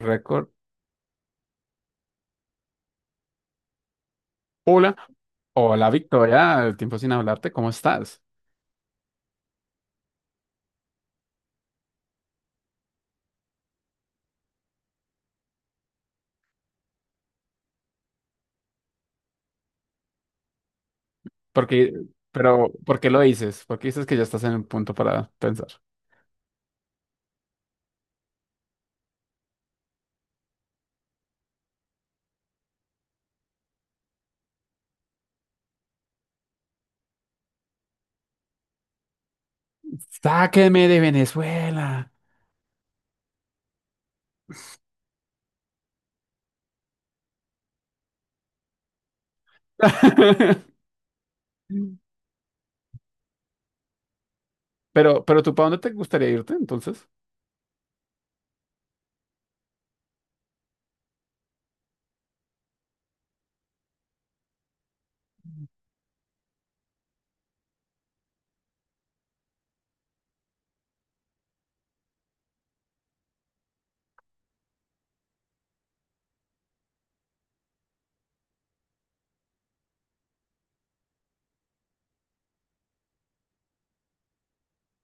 Record. Hola, hola Victoria, tiempo sin hablarte, ¿cómo estás? Porque, pero, ¿por qué lo dices? ¿Por qué dices que ya estás en un punto para pensar? ¡Sáqueme de Venezuela! Pero, ¿tú para dónde te gustaría irte entonces?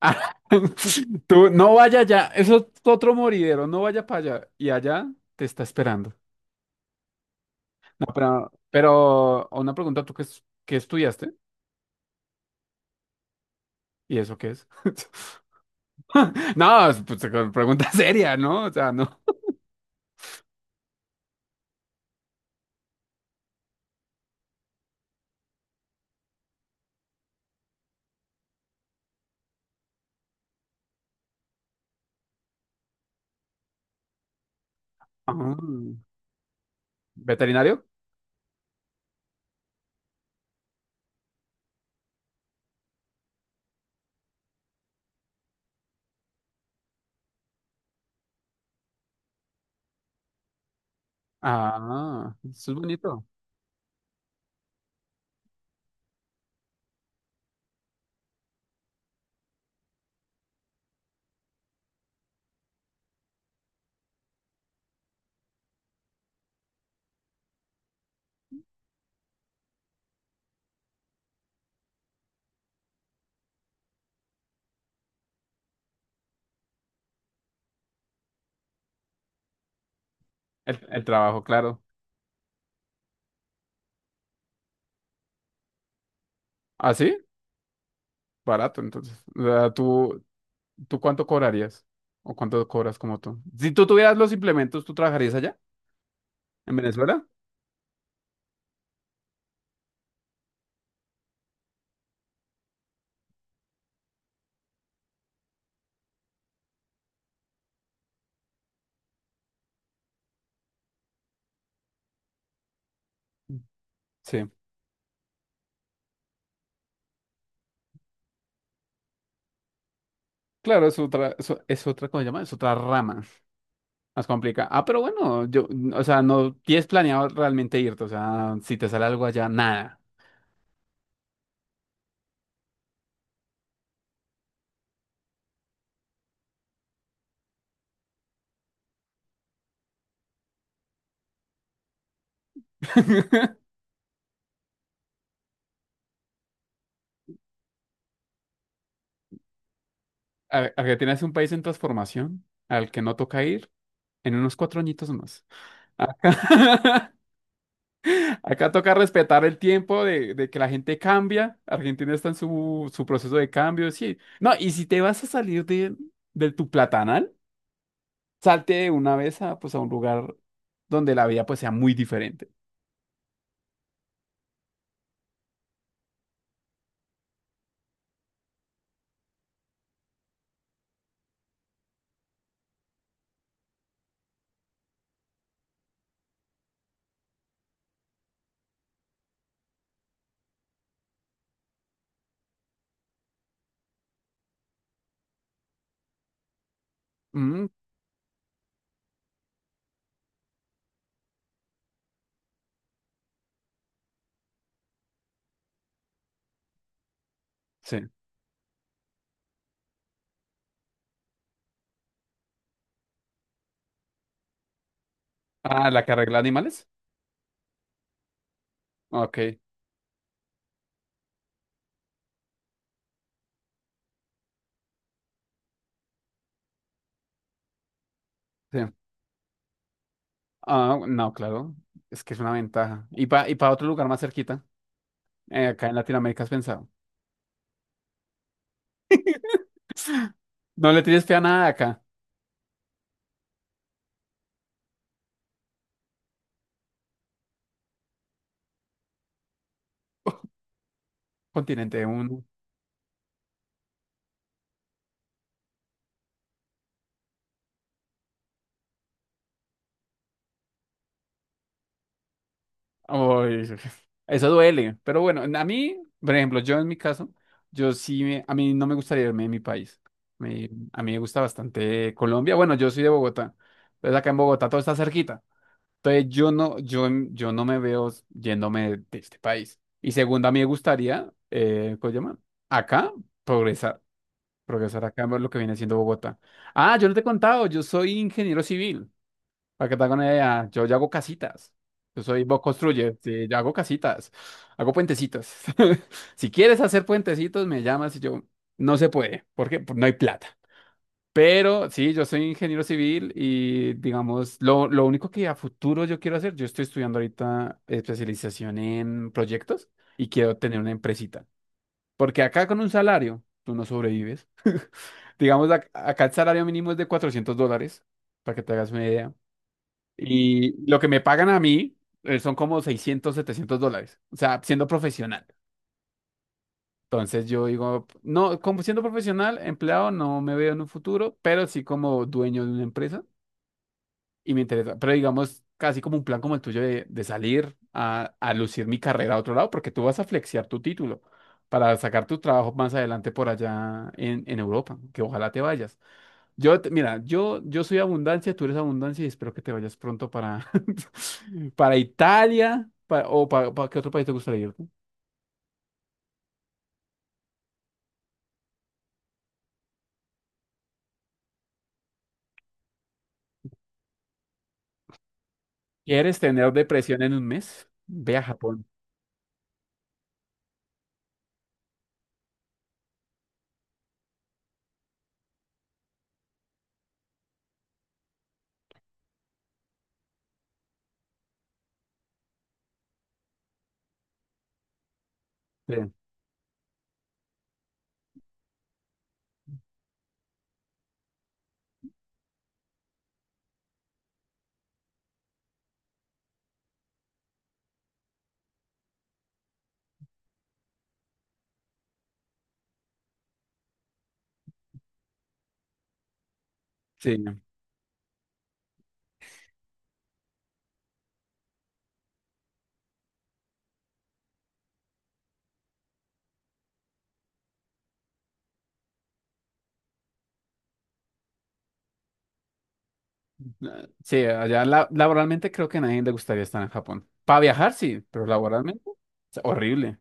Ah, tú no vaya allá, eso es otro moridero, no vaya para allá. Y allá te está esperando. No, pero una pregunta, ¿tú qué, qué estudiaste? ¿Y eso qué es? No, es, pues, pregunta seria, ¿no? O sea, no. Ah, ¿veterinario? Ah, eso es bonito. El trabajo, claro. ¿Ah, sí? Barato, entonces. O sea, ¿tú cuánto cobrarías? ¿O cuánto cobras como tú? Si tú tuvieras los implementos, ¿tú trabajarías allá? ¿En Venezuela? Sí. Claro, es otra, es otra, ¿cómo se llama? Es otra rama. Más complicada. Ah, pero bueno, o sea, no tienes planeado realmente irte. O sea, si te sale algo allá, nada. Argentina es un país en transformación al que no toca ir en unos 4 añitos más. Acá, acá toca respetar el tiempo de que la gente cambia. Argentina está en su proceso de cambio, sí. No, y si te vas a salir de tu platanal, salte de una vez a, pues, a un lugar donde la vida pues, sea muy diferente. Mm, sí. Ah, la que arregla animales. Ok, sí. Ah, no, claro. Es que es una ventaja. Y para y pa otro lugar más cerquita. Acá en Latinoamérica has pensado. No le tienes fe a nada acá, continente uno. Ay, eso duele, pero bueno, a mí, por ejemplo, yo en mi caso, yo sí, a mí no me gustaría irme de mi país. A mí me gusta bastante Colombia. Bueno, yo soy de Bogotá, entonces acá en Bogotá todo está cerquita. Entonces yo no, yo no me veo yéndome de este país. Y segundo, a mí me gustaría, ¿cómo se llama? Acá, progresar, progresar acá, ver lo que viene siendo Bogotá. Ah, yo no te he contado, yo soy ingeniero civil. Para que te hagan una idea, yo hago casitas. Yo soy Bob Construye, sí, yo hago casitas, hago puentecitos. Si quieres hacer puentecitos, me llamas y yo, no se puede, porque pues, no hay plata. Pero sí, yo soy ingeniero civil y digamos, lo único que a futuro yo quiero hacer, yo estoy estudiando ahorita especialización en proyectos y quiero tener una empresita. Porque acá con un salario, tú no sobrevives. Digamos, acá el salario mínimo es de $400, para que te hagas una idea. Y lo que me pagan a mí son como 600, $700. O sea, siendo profesional. Entonces yo digo, no, como siendo profesional, empleado, no me veo en un futuro, pero sí como dueño de una empresa y me interesa. Pero digamos, casi como un plan como el tuyo de salir a lucir mi carrera a otro lado, porque tú vas a flexear tu título para sacar tu trabajo más adelante por allá en Europa, que ojalá te vayas. Mira, yo soy abundancia, tú eres abundancia y espero que te vayas pronto para, para Italia o para qué otro país te gustaría ir. ¿Quieres tener depresión en un mes? Ve a Japón. Sí, sí, ah, sí, allá laboralmente creo que a nadie le gustaría estar en Japón. Para viajar, sí, pero laboralmente es horrible.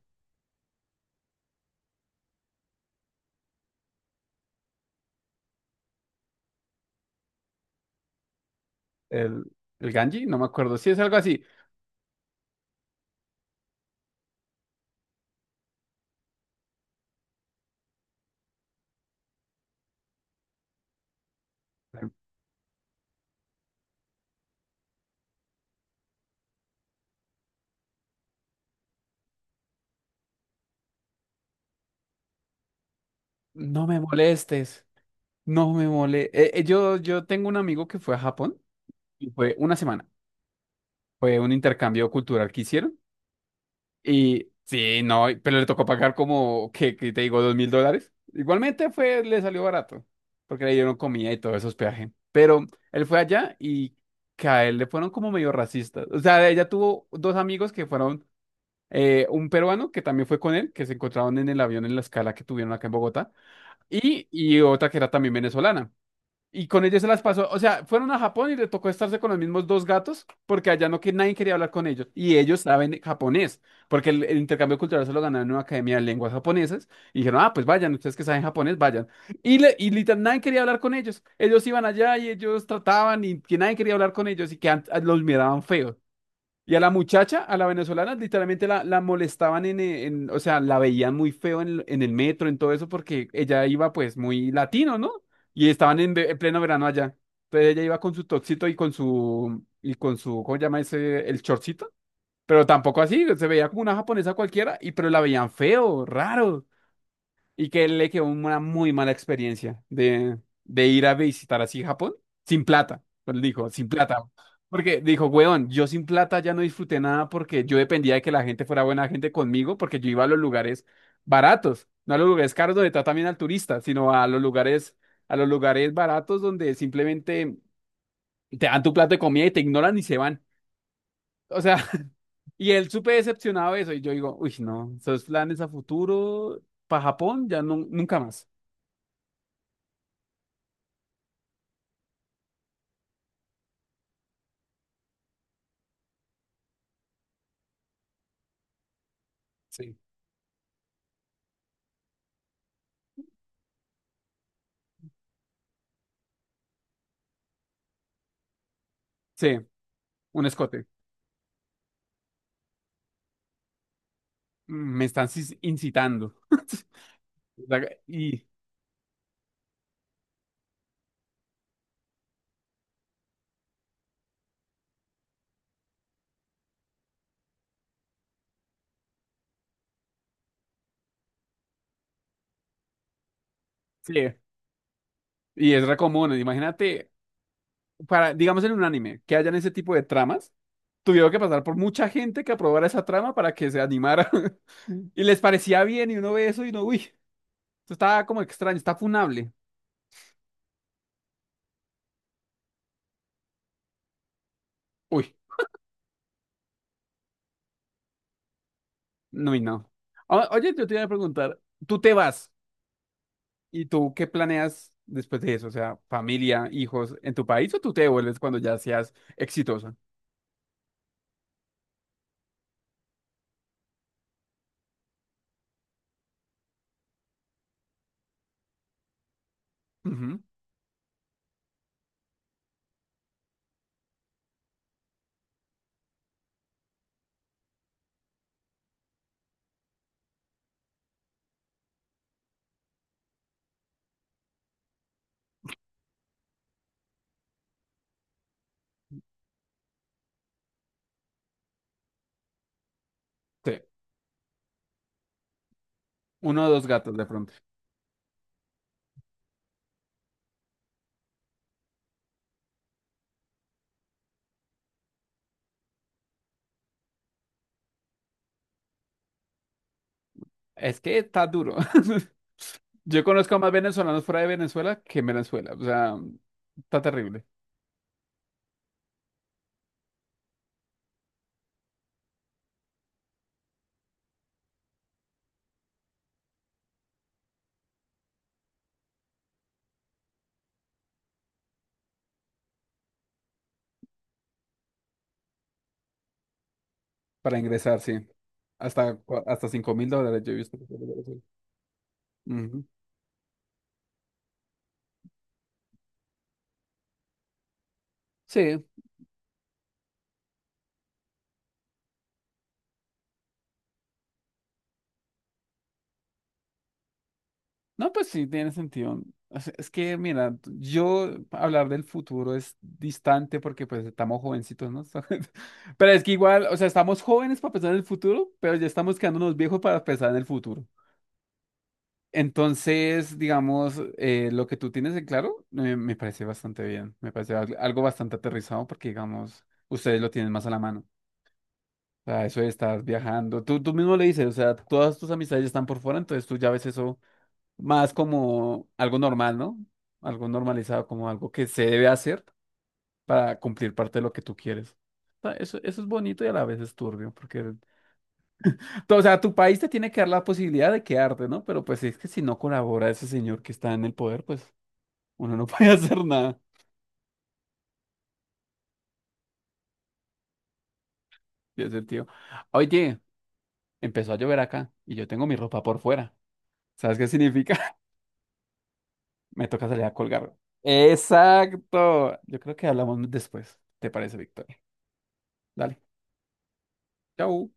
El, el Ganji, no me acuerdo, sí es algo así. No me molestes, no me molestes. Yo tengo un amigo que fue a Japón y fue una semana. Fue un intercambio cultural que hicieron. Y sí, no, pero le tocó pagar como, ¿qué te digo? $2.000. Igualmente fue, le salió barato, porque le dieron comida y todo eso, hospedaje. Pero él fue allá y que a él le fueron como medio racistas. O sea, ella tuvo dos amigos que fueron, un peruano que también fue con él, que se encontraron en el avión en la escala que tuvieron acá en Bogotá, y otra que era también venezolana. Y con ellos se las pasó. O sea, fueron a Japón y le tocó estarse con los mismos dos gatos porque allá no que nadie quería hablar con ellos. Y ellos saben japonés, porque el intercambio cultural se lo ganaron en una academia de lenguas japonesas. Y dijeron, ah, pues vayan, ustedes que saben japonés, vayan. Y, y literal, nadie quería hablar con ellos. Ellos iban allá y ellos trataban y que nadie quería hablar con ellos y que los miraban feos. Y a la muchacha, a la venezolana, literalmente la molestaban o sea, la veían muy feo en el metro, en todo eso, porque ella iba pues muy latino, ¿no? Y estaban en pleno verano allá. Entonces ella iba con su toxito y con su, ¿cómo se llama ese? El chorcito. Pero tampoco así, se veía como una japonesa cualquiera, y pero la veían feo, raro. Y que le quedó una muy mala experiencia de ir a visitar así Japón sin plata. Pero él dijo, sin plata. Porque dijo, weón, yo sin plata ya no disfruté nada porque yo dependía de que la gente fuera buena gente conmigo porque yo iba a los lugares baratos, no a los lugares caros donde tratan bien al turista, sino a los lugares baratos donde simplemente te dan tu plato de comida y te ignoran y se van. O sea, y él súper decepcionado de eso. Y yo digo, uy, no, esos planes a futuro para Japón ya no, nunca más. Sí. Sí, un escote. Me están incitando. Y sí, y es re común. Imagínate, para, digamos en un anime, que hayan ese tipo de tramas, tuvieron que pasar por mucha gente que aprobara esa trama para que se animara. Y les parecía bien, y uno ve eso y no, uy, esto está como extraño, está funable. Uy, no y no. Oye, yo te iba a preguntar, ¿tú te vas? ¿Y tú qué planeas después de eso? O sea, familia, hijos, ¿en tu país o tú te vuelves cuando ya seas exitosa? Ujú, sí. Uno o dos gatos de pronto. Es que está duro. Yo conozco a más venezolanos fuera de Venezuela que en Venezuela. O sea, está terrible. Para ingresar, sí. Hasta $5.000 yo he visto. Que sale de Venezuela. Ujú. Sí. No, pues sí, tiene sentido. O sea, es que, mira, yo hablar del futuro es distante porque pues estamos jovencitos, ¿no? Pero es que igual, o sea, estamos jóvenes para pensar en el futuro, pero ya estamos quedándonos viejos para pensar en el futuro. Entonces, digamos, lo que tú tienes en claro, me parece bastante bien, me parece algo bastante aterrizado porque, digamos, ustedes lo tienen más a la mano. O sea, eso de estar viajando, tú mismo le dices, o sea, todas tus amistades están por fuera, entonces tú ya ves eso más como algo normal, ¿no? Algo normalizado, como algo que se debe hacer para cumplir parte de lo que tú quieres. O sea, eso es bonito y a la vez es turbio, porque, o sea, tu país te tiene que dar la posibilidad de quedarte, ¿no? Pero pues es que si no colabora ese señor que está en el poder, pues... Uno no puede hacer nada. Y ese tío. Oye, empezó a llover acá y yo tengo mi ropa por fuera. ¿Sabes qué significa? Me toca salir a colgar. Exacto. Yo creo que hablamos después. ¿Te parece, Víctor? Dale. Chau.